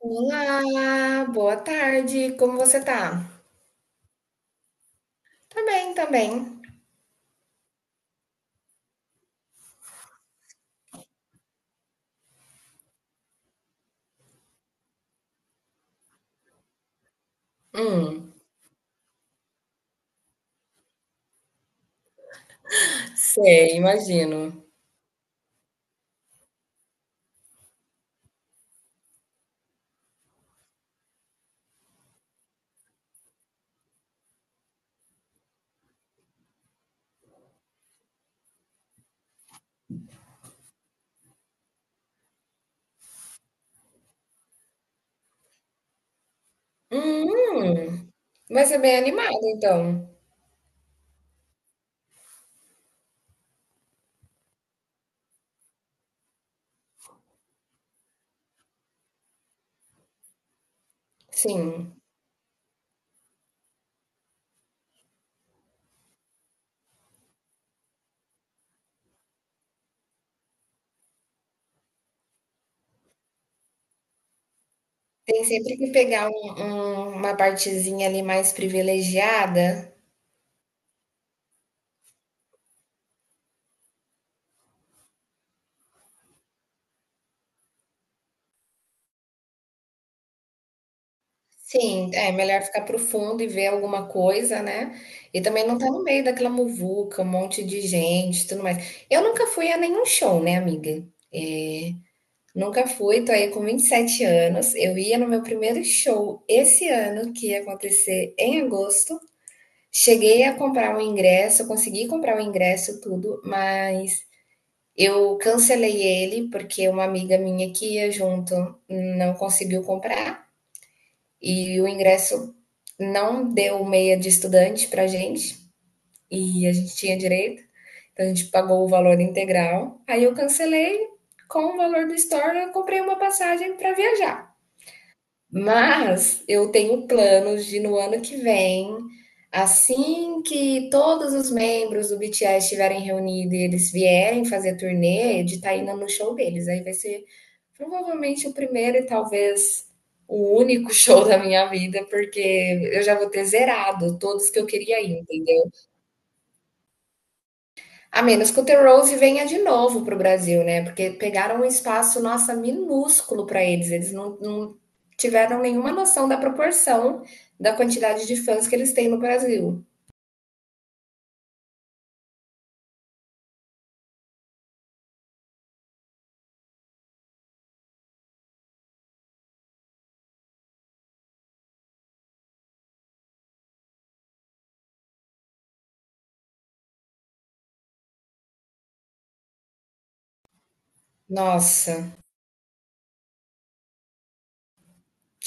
Olá, boa tarde, como você tá? Tá bem, tá bem. Hum, sei, imagino. Hum, Vai ser bem animado então. Sim, tem sempre que pegar uma partezinha ali mais privilegiada. Sim, é melhor ficar pro fundo e ver alguma coisa, né? E também não tá no meio daquela muvuca, um monte de gente, e tudo mais. Eu nunca fui a nenhum show, né, amiga? Nunca fui, tô aí com 27 anos. Eu ia no meu primeiro show esse ano, que ia acontecer em agosto. Cheguei a comprar um ingresso, consegui comprar o ingresso, tudo, mas eu cancelei ele porque uma amiga minha que ia junto não conseguiu comprar e o ingresso não deu meia de estudante pra gente e a gente tinha direito, então a gente pagou o valor integral. Aí eu cancelei, com o valor do store eu comprei uma passagem pra viajar. Mas eu tenho planos de no ano que vem, assim que todos os membros do BTS estiverem reunidos e eles vierem fazer turnê, de estar indo no show deles. Aí vai ser provavelmente o primeiro e talvez o único show da minha vida, porque eu já vou ter zerado todos que eu queria ir, entendeu? A menos que o The Rose venha de novo para o Brasil, né? Porque pegaram um espaço, nossa, minúsculo para eles. Eles não tiveram nenhuma noção da proporção da quantidade de fãs que eles têm no Brasil. Nossa,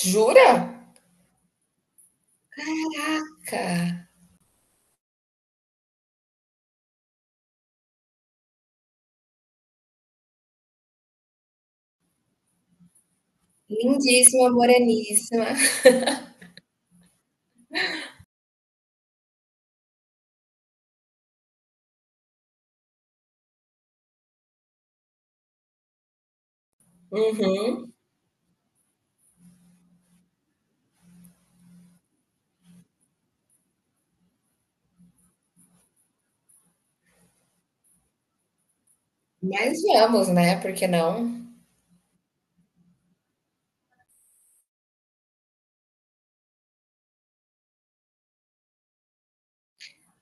jura? Caraca! Lindíssima, moreníssima. Uhum. Mas vamos, né? Por que não?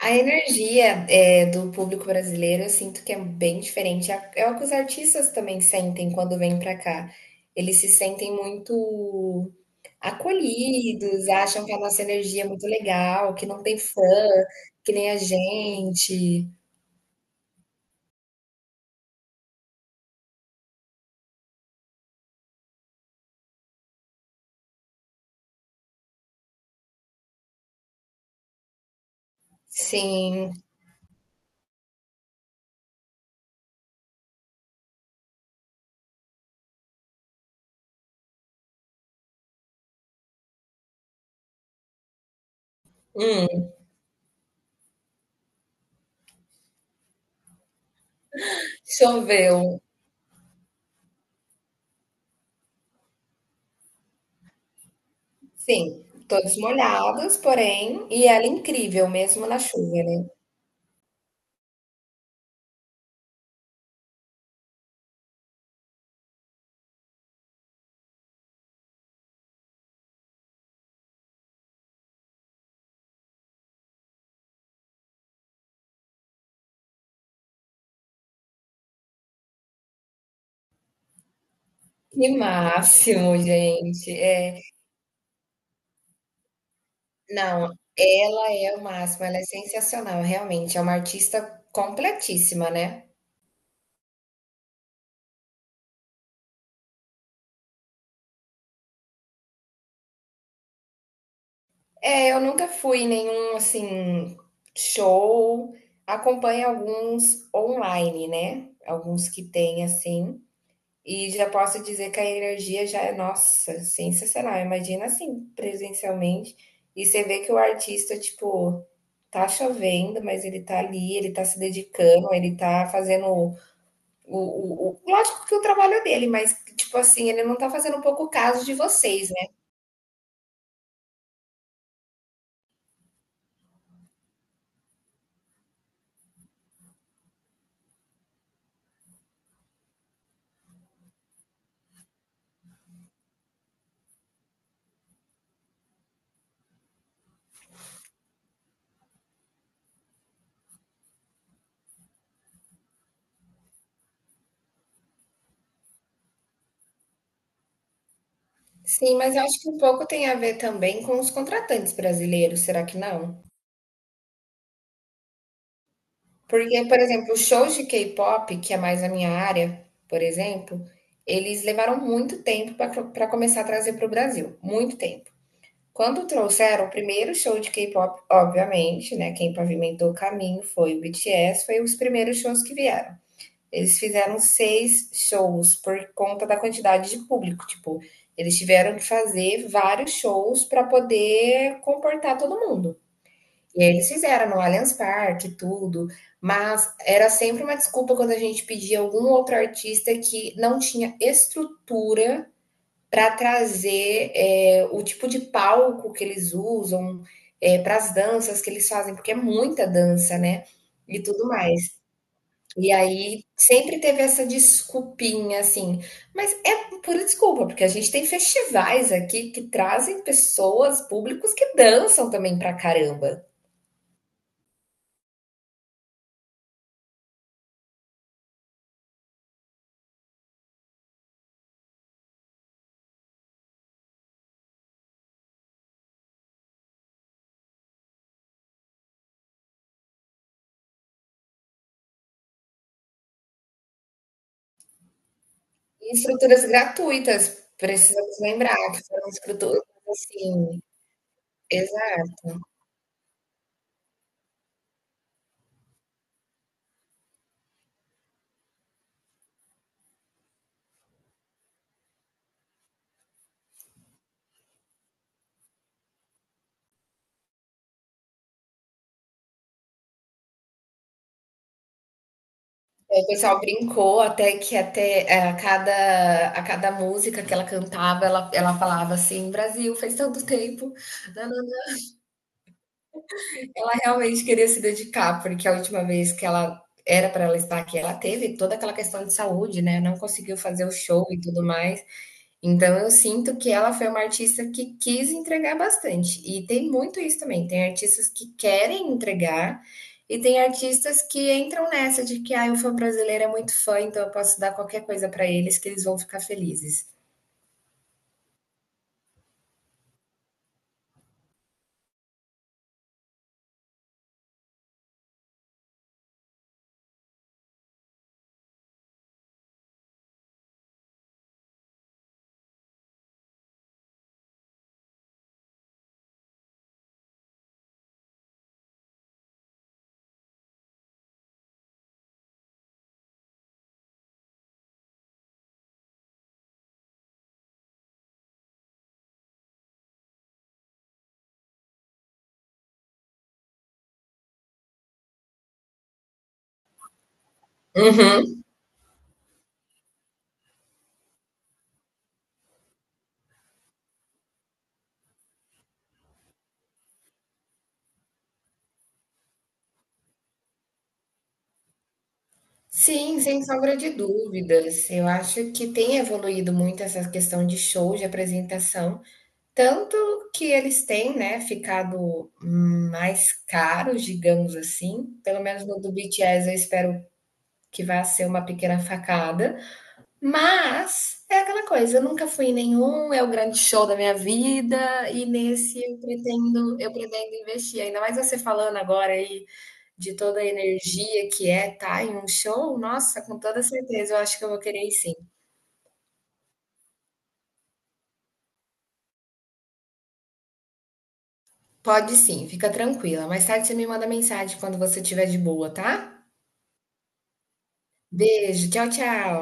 A energia é, do público brasileiro, eu sinto que é bem diferente. É o que os artistas também sentem quando vêm para cá. Eles se sentem muito acolhidos, acham que a nossa energia é muito legal, que não tem fã, que nem a gente. Sim. Hum, choveu. Sim, todos molhados, porém, e ela é incrível mesmo na chuva, né? Que máximo, gente. É. Não, ela é o máximo, ela é sensacional, realmente, é uma artista completíssima, né. É, eu nunca fui em nenhum, assim, show, acompanho alguns online, né, alguns que tem assim, e já posso dizer que a energia já é, nossa, sensacional, imagina, assim, presencialmente, e você vê que o artista, tipo, tá chovendo, mas ele tá ali, ele tá se dedicando, ele tá fazendo. Lógico que o trabalho é dele, mas, tipo assim, ele não tá fazendo um pouco caso de vocês, né? Sim, mas eu acho que um pouco tem a ver também com os contratantes brasileiros, será que não? Porque, por exemplo, os shows de K-pop, que é mais a minha área, por exemplo, eles levaram muito tempo para começar a trazer para o Brasil, muito tempo. Quando trouxeram o primeiro show de K-pop, obviamente, né? Quem pavimentou o caminho foi o BTS, foi os primeiros shows que vieram. Eles fizeram seis shows por conta da quantidade de público. Tipo, eles tiveram que fazer vários shows para poder comportar todo mundo. E aí eles fizeram no Allianz Parque, e tudo. Mas era sempre uma desculpa quando a gente pedia algum outro artista que não tinha estrutura para trazer é, o tipo de palco que eles usam, é, para as danças que eles fazem, porque é muita dança, né? E tudo mais. E aí sempre teve essa desculpinha, assim, mas é pura desculpa, porque a gente tem festivais aqui que trazem pessoas, públicos que dançam também pra caramba. E estruturas gratuitas, precisamos lembrar que foram estruturas assim. Exato. Aí o pessoal brincou até que até, a cada música que ela cantava, ela falava assim: "Brasil, faz tanto tempo". Realmente querer se dedicar, porque a última vez que ela era para ela estar aqui, ela teve toda aquela questão de saúde, né? Não conseguiu fazer o show e tudo mais. Então eu sinto que ela foi uma artista que quis entregar bastante. E tem muito isso também. Tem artistas que querem entregar e tem artistas que entram nessa de que ah, o fã brasileiro é muito fã, então eu posso dar qualquer coisa para eles que eles vão ficar felizes. Uhum. Sim, sem sombra de dúvidas. Eu acho que tem evoluído muito essa questão de show, de apresentação, tanto que eles têm, né, ficado mais caros, digamos assim. Pelo menos no do BTS, eu espero que vá ser uma pequena facada, mas é aquela coisa, eu nunca fui em nenhum, é o grande show da minha vida, e nesse eu pretendo, investir. Ainda mais você falando agora aí de toda a energia que é tá em um show, nossa, com toda certeza eu acho que eu vou querer ir sim. Pode sim, fica tranquila. Mais tarde você me manda mensagem quando você estiver de boa, tá? Beijo, tchau, tchau.